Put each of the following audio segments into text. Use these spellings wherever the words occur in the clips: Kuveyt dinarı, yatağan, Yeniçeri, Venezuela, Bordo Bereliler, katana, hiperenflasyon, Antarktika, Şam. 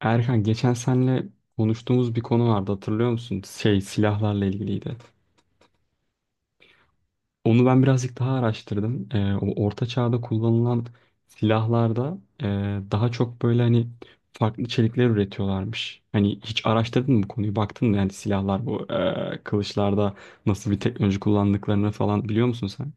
Erkan geçen senle konuştuğumuz bir konu vardı hatırlıyor musun? Şey silahlarla ilgiliydi. Onu ben birazcık daha araştırdım. O orta çağda kullanılan silahlarda daha çok böyle hani farklı çelikler üretiyorlarmış. Hani hiç araştırdın mı bu konuyu? Baktın mı yani silahlar bu kılıçlarda nasıl bir teknoloji kullandıklarını falan biliyor musun sen?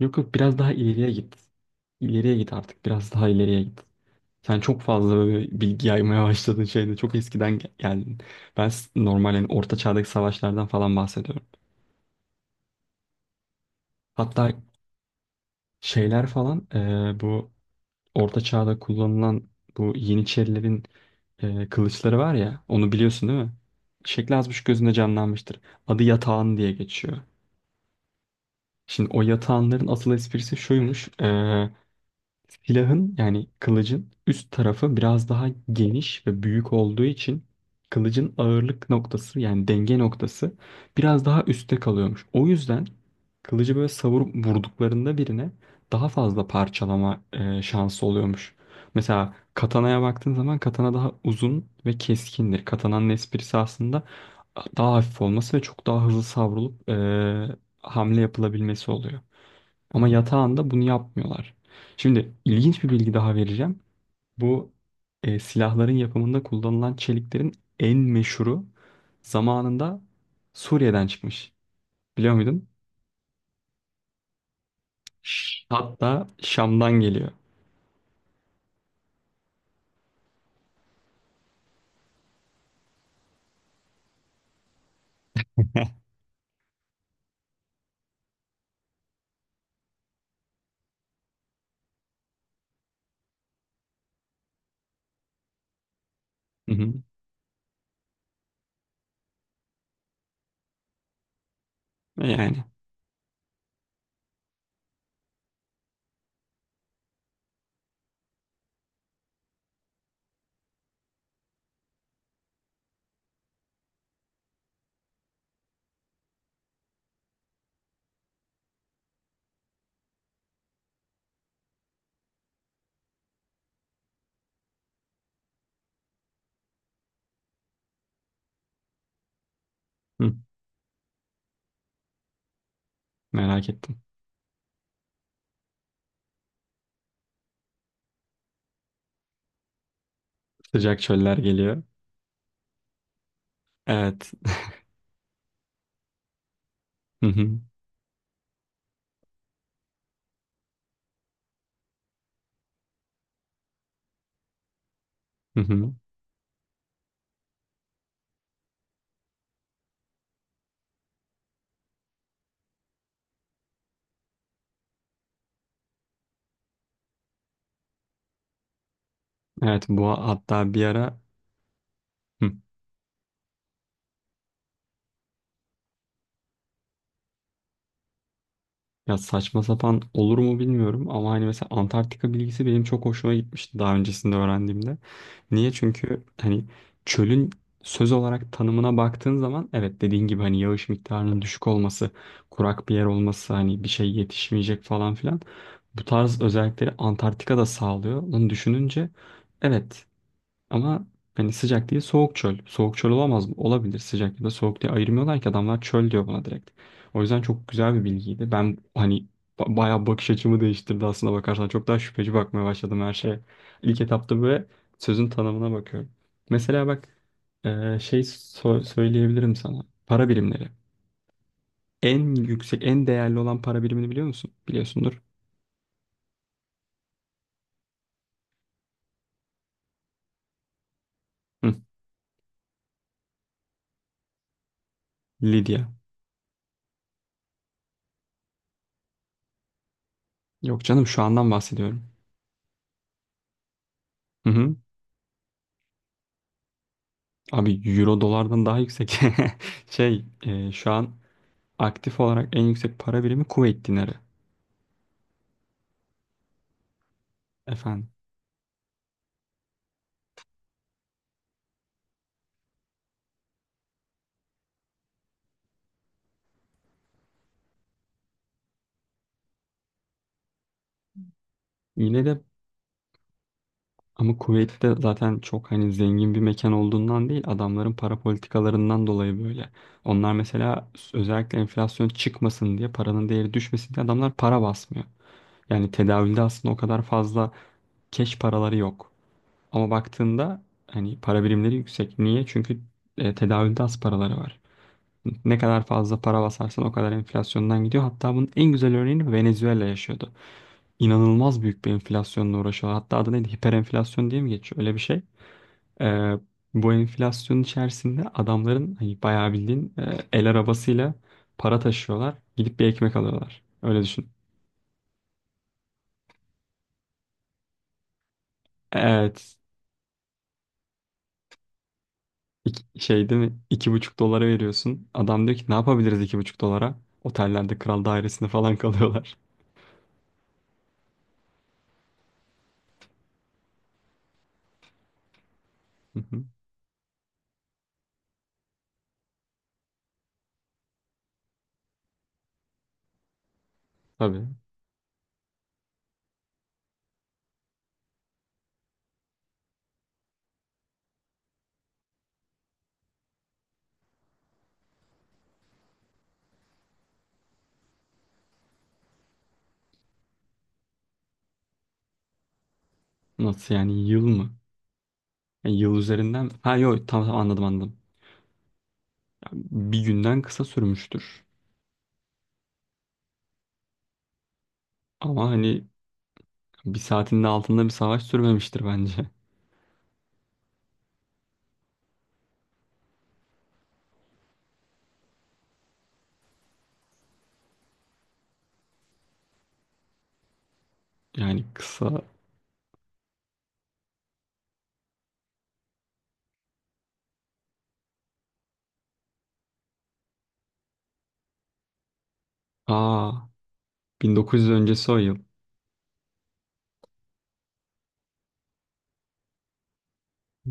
Yok yok, biraz daha ileriye git. İleriye git artık, biraz daha ileriye git. Sen çok fazla böyle bilgi yaymaya başladın şeyde. Çok eskiden geldin. Ben normal yani orta çağdaki savaşlardan falan bahsediyorum. Hatta şeyler falan bu orta çağda kullanılan bu Yeniçerilerin kılıçları var ya. Onu biliyorsun değil mi? Şekli az buçuk gözünde canlanmıştır. Adı yatağan diye geçiyor. Şimdi o yatağanların asıl esprisi şuymuş. Silahın yani kılıcın üst tarafı biraz daha geniş ve büyük olduğu için kılıcın ağırlık noktası yani denge noktası biraz daha üstte kalıyormuş. O yüzden kılıcı böyle savurup vurduklarında birine daha fazla parçalama şansı oluyormuş. Mesela katanaya baktığın zaman katana daha uzun ve keskindir. Katananın esprisi aslında daha hafif olması ve çok daha hızlı savrulup hamle yapılabilmesi oluyor. Ama yatağında bunu yapmıyorlar. Şimdi ilginç bir bilgi daha vereceğim. Bu silahların yapımında kullanılan çeliklerin en meşhuru zamanında Suriye'den çıkmış. Biliyor muydun? Hatta Şam'dan geliyor. Hı hı. Yani hı, merak ettim. Sıcak çöller geliyor. Evet. Hı hı. Hı hı. Evet, bu hatta bir ara. Ya, saçma sapan olur mu bilmiyorum ama hani mesela Antarktika bilgisi benim çok hoşuma gitmişti daha öncesinde öğrendiğimde. Niye? Çünkü hani çölün söz olarak tanımına baktığın zaman evet, dediğin gibi hani yağış miktarının düşük olması, kurak bir yer olması, hani bir şey yetişmeyecek falan filan. Bu tarz özellikleri Antarktika da sağlıyor. Bunu düşününce evet, ama hani sıcak değil, soğuk çöl. Soğuk çöl olamaz mı? Olabilir. Sıcak ya da soğuk diye ayırmıyorlar ki adamlar, çöl diyor buna direkt. O yüzden çok güzel bir bilgiydi. Ben hani bayağı bakış açımı değiştirdi aslında bakarsan. Çok daha şüpheci bakmaya başladım her şeye. İlk etapta böyle sözün tanımına bakıyorum. Mesela bak, söyleyebilirim sana. Para birimleri. En yüksek, en değerli olan para birimini biliyor musun? Biliyorsundur. Hı. Lidya. Yok canım, şu andan bahsediyorum. Hı hı. Abi, euro dolardan daha yüksek. Şu an aktif olarak en yüksek para birimi Kuveyt dinarı. Efendim. Yine de ama Kuveyt'te zaten çok hani zengin bir mekan olduğundan değil, adamların para politikalarından dolayı böyle. Onlar mesela özellikle enflasyon çıkmasın diye, paranın değeri düşmesin diye adamlar para basmıyor. Yani tedavülde aslında o kadar fazla keş paraları yok. Ama baktığında hani para birimleri yüksek. Niye? Çünkü tedavülde az paraları var. Ne kadar fazla para basarsan o kadar enflasyondan gidiyor. Hatta bunun en güzel örneğini Venezuela yaşıyordu. İnanılmaz büyük bir enflasyonla uğraşıyorlar. Hatta adı neydi? Hiperenflasyon diye mi geçiyor? Öyle bir şey. Ee, Bu enflasyonun içerisinde adamların hani bayağı bildiğin el arabasıyla para taşıyorlar. Gidip bir ekmek alıyorlar. Öyle düşün. Evet. İki, şey değil mi? 2,5 dolara veriyorsun. Adam diyor ki ne yapabiliriz 2,5 dolara? Otellerde kral dairesinde falan kalıyorlar. Hı hı. Tabii. Nasıl yani, yıl mı? Yani yıl üzerinden, ha yok tamam tamam, anladım anladım. Yani bir günden kısa sürmüştür. Ama hani bir saatinin altında bir savaş sürmemiştir bence. Yani kısa. Aa, 1900 öncesi o yıl.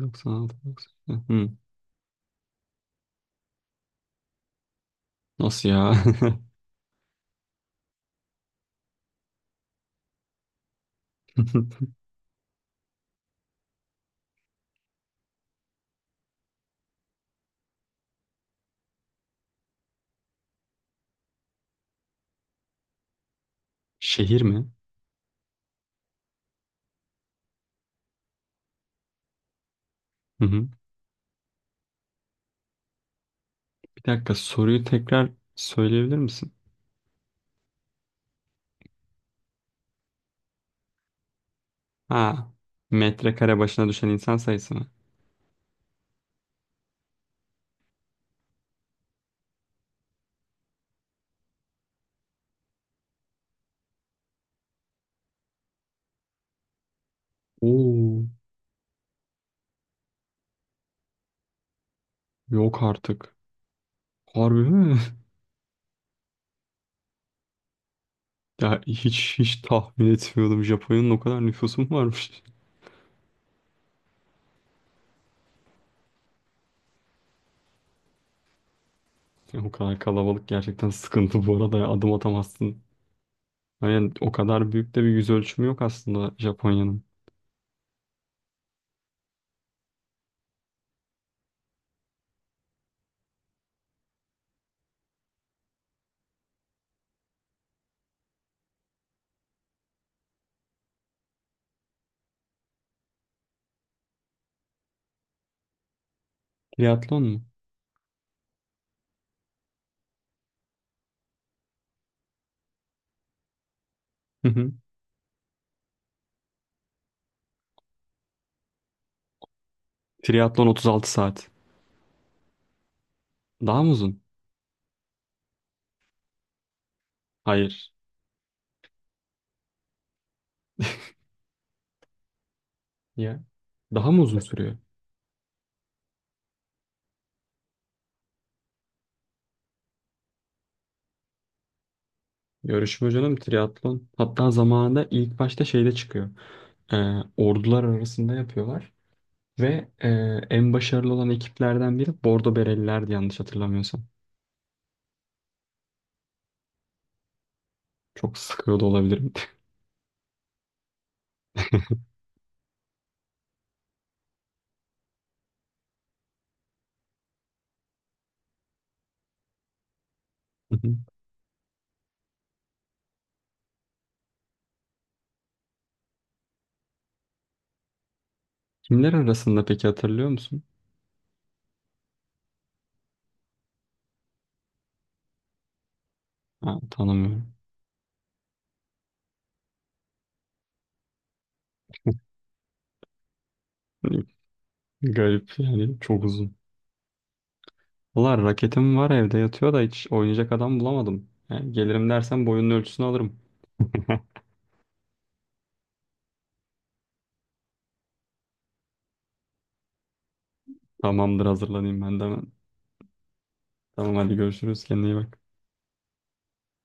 96, 96. Hı, nasıl ya? Şehir mi? Hı hı. Bir dakika, soruyu tekrar söyleyebilir misin? Ha, metrekare başına düşen insan sayısı mı? Oo, yok artık. Harbi mi? Ya, hiç hiç tahmin etmiyordum. Japonya'nın o kadar nüfusu mu varmış? Ya bu kadar kalabalık gerçekten sıkıntı bu arada ya. Adım atamazsın. Yani o kadar büyük de bir yüz ölçümü yok aslında Japonya'nın. Triatlon mu? Hı hı. Triatlon 36 saat. Daha mı uzun? Hayır. Ya daha mı uzun sürüyor? Yarışma canım triatlon. Hatta zamanında ilk başta şeyde çıkıyor. Ee, Ordular arasında yapıyorlar. Ve en başarılı olan ekiplerden biri Bordo Berelilerdi yanlış hatırlamıyorsam. Çok sıkıyor da olabilirim. Hı hı. Kimler arasında peki, hatırlıyor musun? Ha, tanımıyorum. Hani garip yani, çok uzun. Valla raketim var evde yatıyor da hiç oynayacak adam bulamadım. Yani gelirim dersen boyunun ölçüsünü alırım. Tamamdır, hazırlanayım ben de hemen. Tamam hadi görüşürüz, kendine iyi bak.